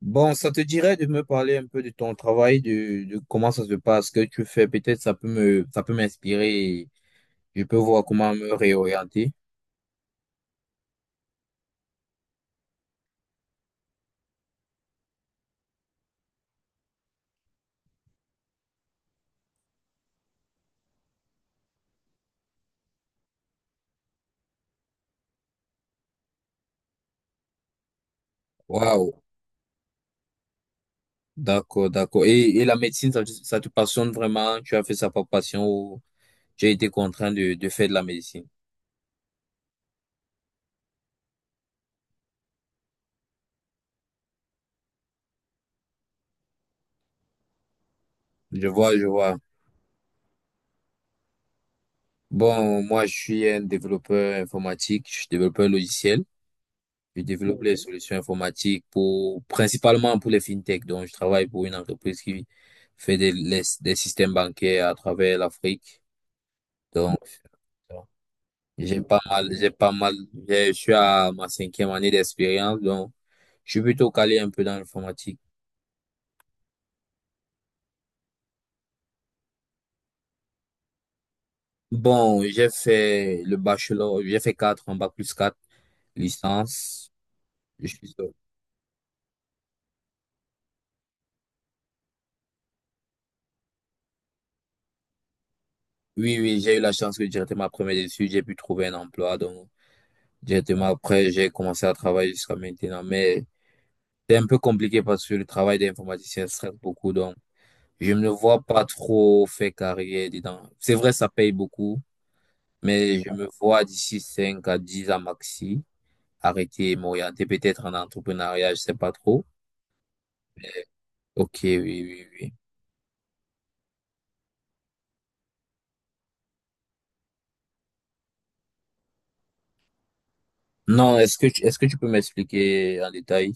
Bon, ça te dirait de me parler un peu de ton travail, de comment ça se passe, ce que tu fais, peut-être ça peut m'inspirer et je peux voir comment me réorienter. Waouh, d'accord, d'accord. Et la médecine, ça te passionne vraiment? Tu as fait ça par passion ou tu as été contraint de faire de la médecine? Je vois, je vois. Bon, moi, je suis un développeur informatique, je suis développeur logiciel. Je développe les, ok, solutions informatiques pour, principalement pour les fintech. Donc, je travaille pour une entreprise qui fait des systèmes bancaires à travers l'Afrique. Donc, j'ai pas mal, je suis à ma cinquième année d'expérience. Donc, je suis plutôt calé un peu dans l'informatique. Bon, j'ai fait le bachelor, j'ai fait 4 en bac plus 4 licence. Je suis Oui, oui, j'ai eu la chance que directement après mes études, j'ai pu trouver un emploi. Donc, directement après, j'ai commencé à travailler jusqu'à maintenant. Mais c'est un peu compliqué parce que le travail d'informaticien stresse beaucoup. Donc, je ne me vois pas trop faire carrière dedans. C'est vrai, ça paye beaucoup, mais je me vois d'ici 5 à 10 ans maxi arrêter et m'orienter peut-être en entrepreneuriat, je sais pas trop. Ok, oui, oui, oui. Non, est-ce que tu peux m'expliquer en détail?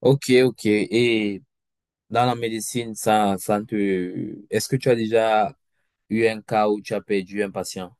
Ok, ok. Et dans la médecine, ça ne te... Est-ce que tu as déjà eu un cas où tu as perdu un patient?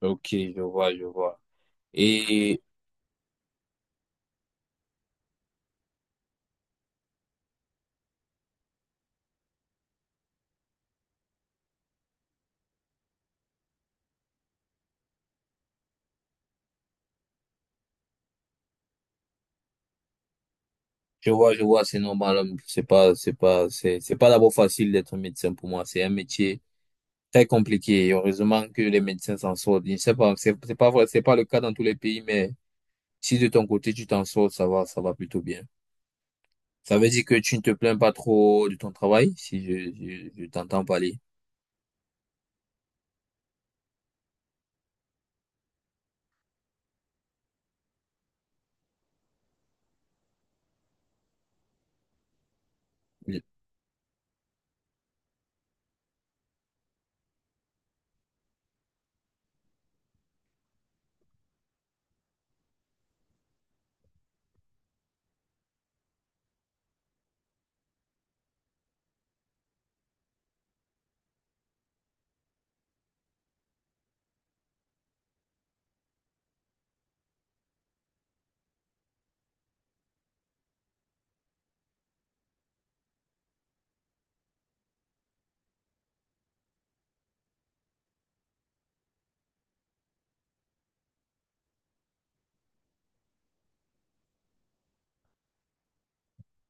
Ok, je vois, je vois. Et je vois, c'est normal, hein. C'est pas d'abord facile d'être médecin pour moi. C'est un métier très compliqué. Et heureusement que les médecins s'en sortent. Je sais pas, c'est pas vrai, c'est pas le cas dans tous les pays, mais si de ton côté tu t'en sors, ça va plutôt bien. Ça veut dire que tu ne te plains pas trop de ton travail, si je t'entends parler.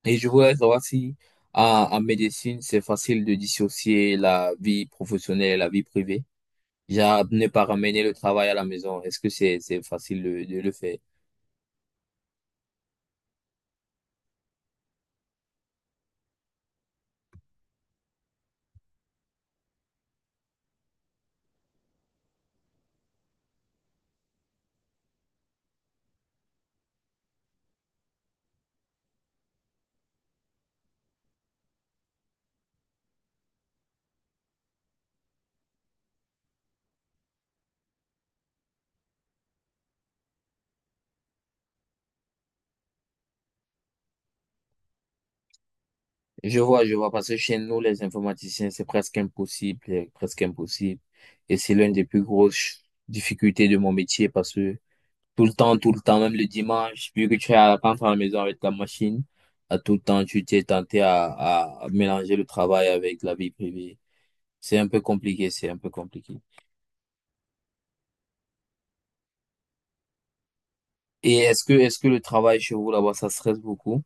Et je voulais savoir si en, en médecine, c'est facile de dissocier la vie professionnelle et la vie privée. Genre, ne pas ramener le travail à la maison. Est-ce que c'est facile de le faire? Je vois, parce que chez nous, les informaticiens, c'est presque impossible, c'est presque impossible. Et c'est l'une des plus grosses difficultés de mon métier parce que tout le temps, même le dimanche, vu que tu es à rentrer à la maison avec la machine, à tout le temps, tu t'es tenté à mélanger le travail avec la vie privée. C'est un peu compliqué, c'est un peu compliqué. Et est-ce que le travail chez vous là-bas, ça stresse beaucoup?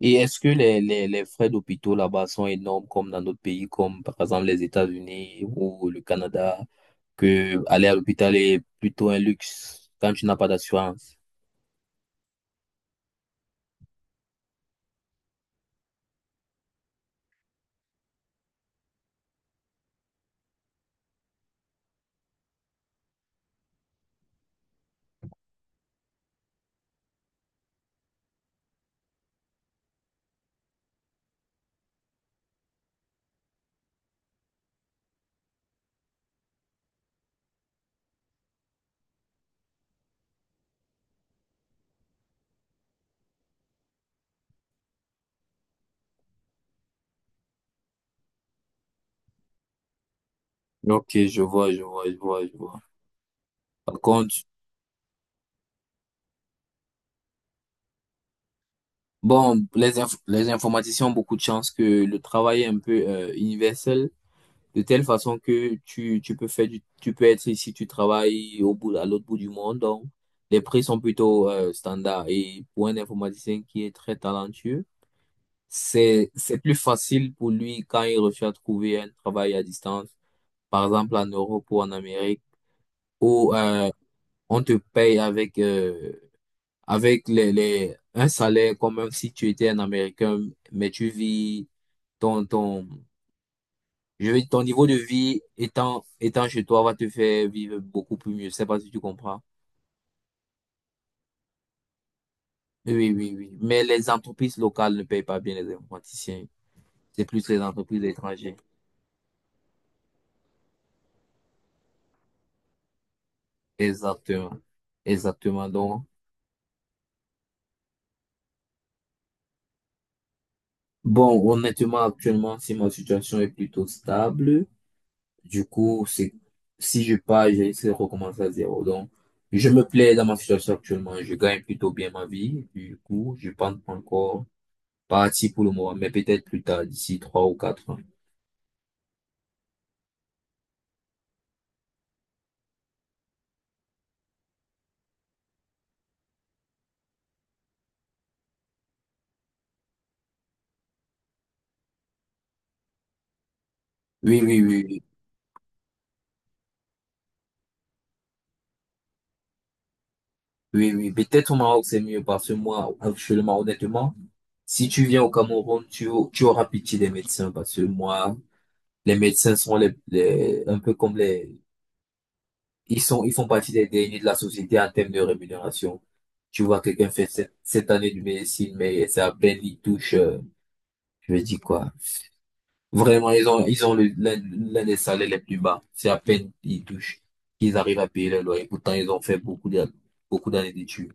Et est-ce que les frais d'hôpitaux là-bas sont énormes comme dans d'autres pays, comme par exemple les États-Unis ou le Canada, que aller à l'hôpital est plutôt un luxe quand tu n'as pas d'assurance? Ok, je vois, je vois, je vois, je vois. Par contre, bon, les informaticiens ont beaucoup de chance que le travail est un peu universel. De telle façon que tu peux faire tu peux être ici, tu travailles au bout, à l'autre bout du monde. Donc, les prix sont plutôt standards. Et pour un informaticien qui est très talentueux, c'est plus facile pour lui quand il recherche à trouver un travail à distance, par exemple en Europe ou en Amérique, où on te paye avec, avec un salaire comme si tu étais un Américain, mais tu vis ton, ton, ton niveau de vie étant chez toi va te faire vivre beaucoup plus mieux. Je sais pas si tu comprends. Oui, oui, oui, oui. Mais les entreprises locales ne payent pas bien les informaticiens. C'est plus les entreprises étrangères. Exactement. Exactement. Donc, bon, honnêtement, actuellement, si ma situation est plutôt stable, du coup, c'est, si je pars, je risque de recommencer à zéro. Donc, je me plais dans ma situation actuellement. Je gagne plutôt bien ma vie. Du coup, je pense pas encore parti pour le moment, mais peut-être plus tard, d'ici 3 ou 4 ans. Oui, oui, oui, oui, oui, oui. Peut-être au Maroc, c'est mieux parce que moi, actuellement, honnêtement, si tu viens au Cameroun, tu auras pitié des médecins parce que moi, les médecins sont les- un peu comme les, ils sont, ils font partie des derniers de la société en termes de rémunération. Tu vois, quelqu'un fait sept années de médecine, mais c'est à peine il touche, je veux dire quoi. Vraiment, ils ont l'un des salaires les plus bas. C'est à peine ils touchent qu'ils arrivent à payer leur loyer. Pourtant, ils ont fait beaucoup d'années d'études.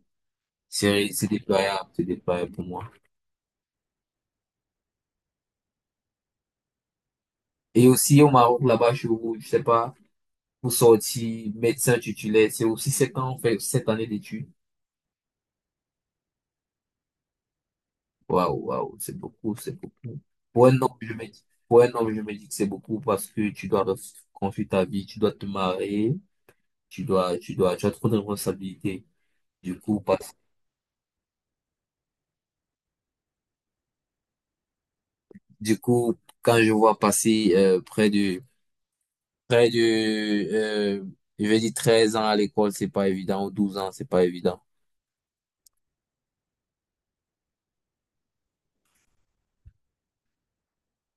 C'est déployable, c'est déployable pour moi. Et aussi au Maroc, là-bas, je sais pas, pour sortir médecin titulaire, c'est aussi 7 ans, fait 7 années d'études. Waouh, waouh, c'est beaucoup, c'est beaucoup. Pour un homme, je me dis, pour un homme, je me dis que c'est beaucoup parce que tu dois construire ta vie, tu dois te marier, tu as trop de responsabilités. Du coup, pas- du coup, quand je vois passer près de, euh, je vais dire 13 ans à l'école, c'est pas évident, ou 12 ans, c'est pas évident.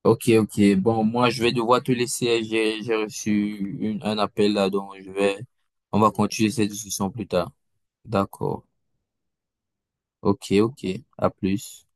Ok, ok. Bon, moi, je vais devoir te laisser. J'ai reçu un appel là, donc je vais, on va continuer cette discussion plus tard. D'accord. Ok, ok. À plus.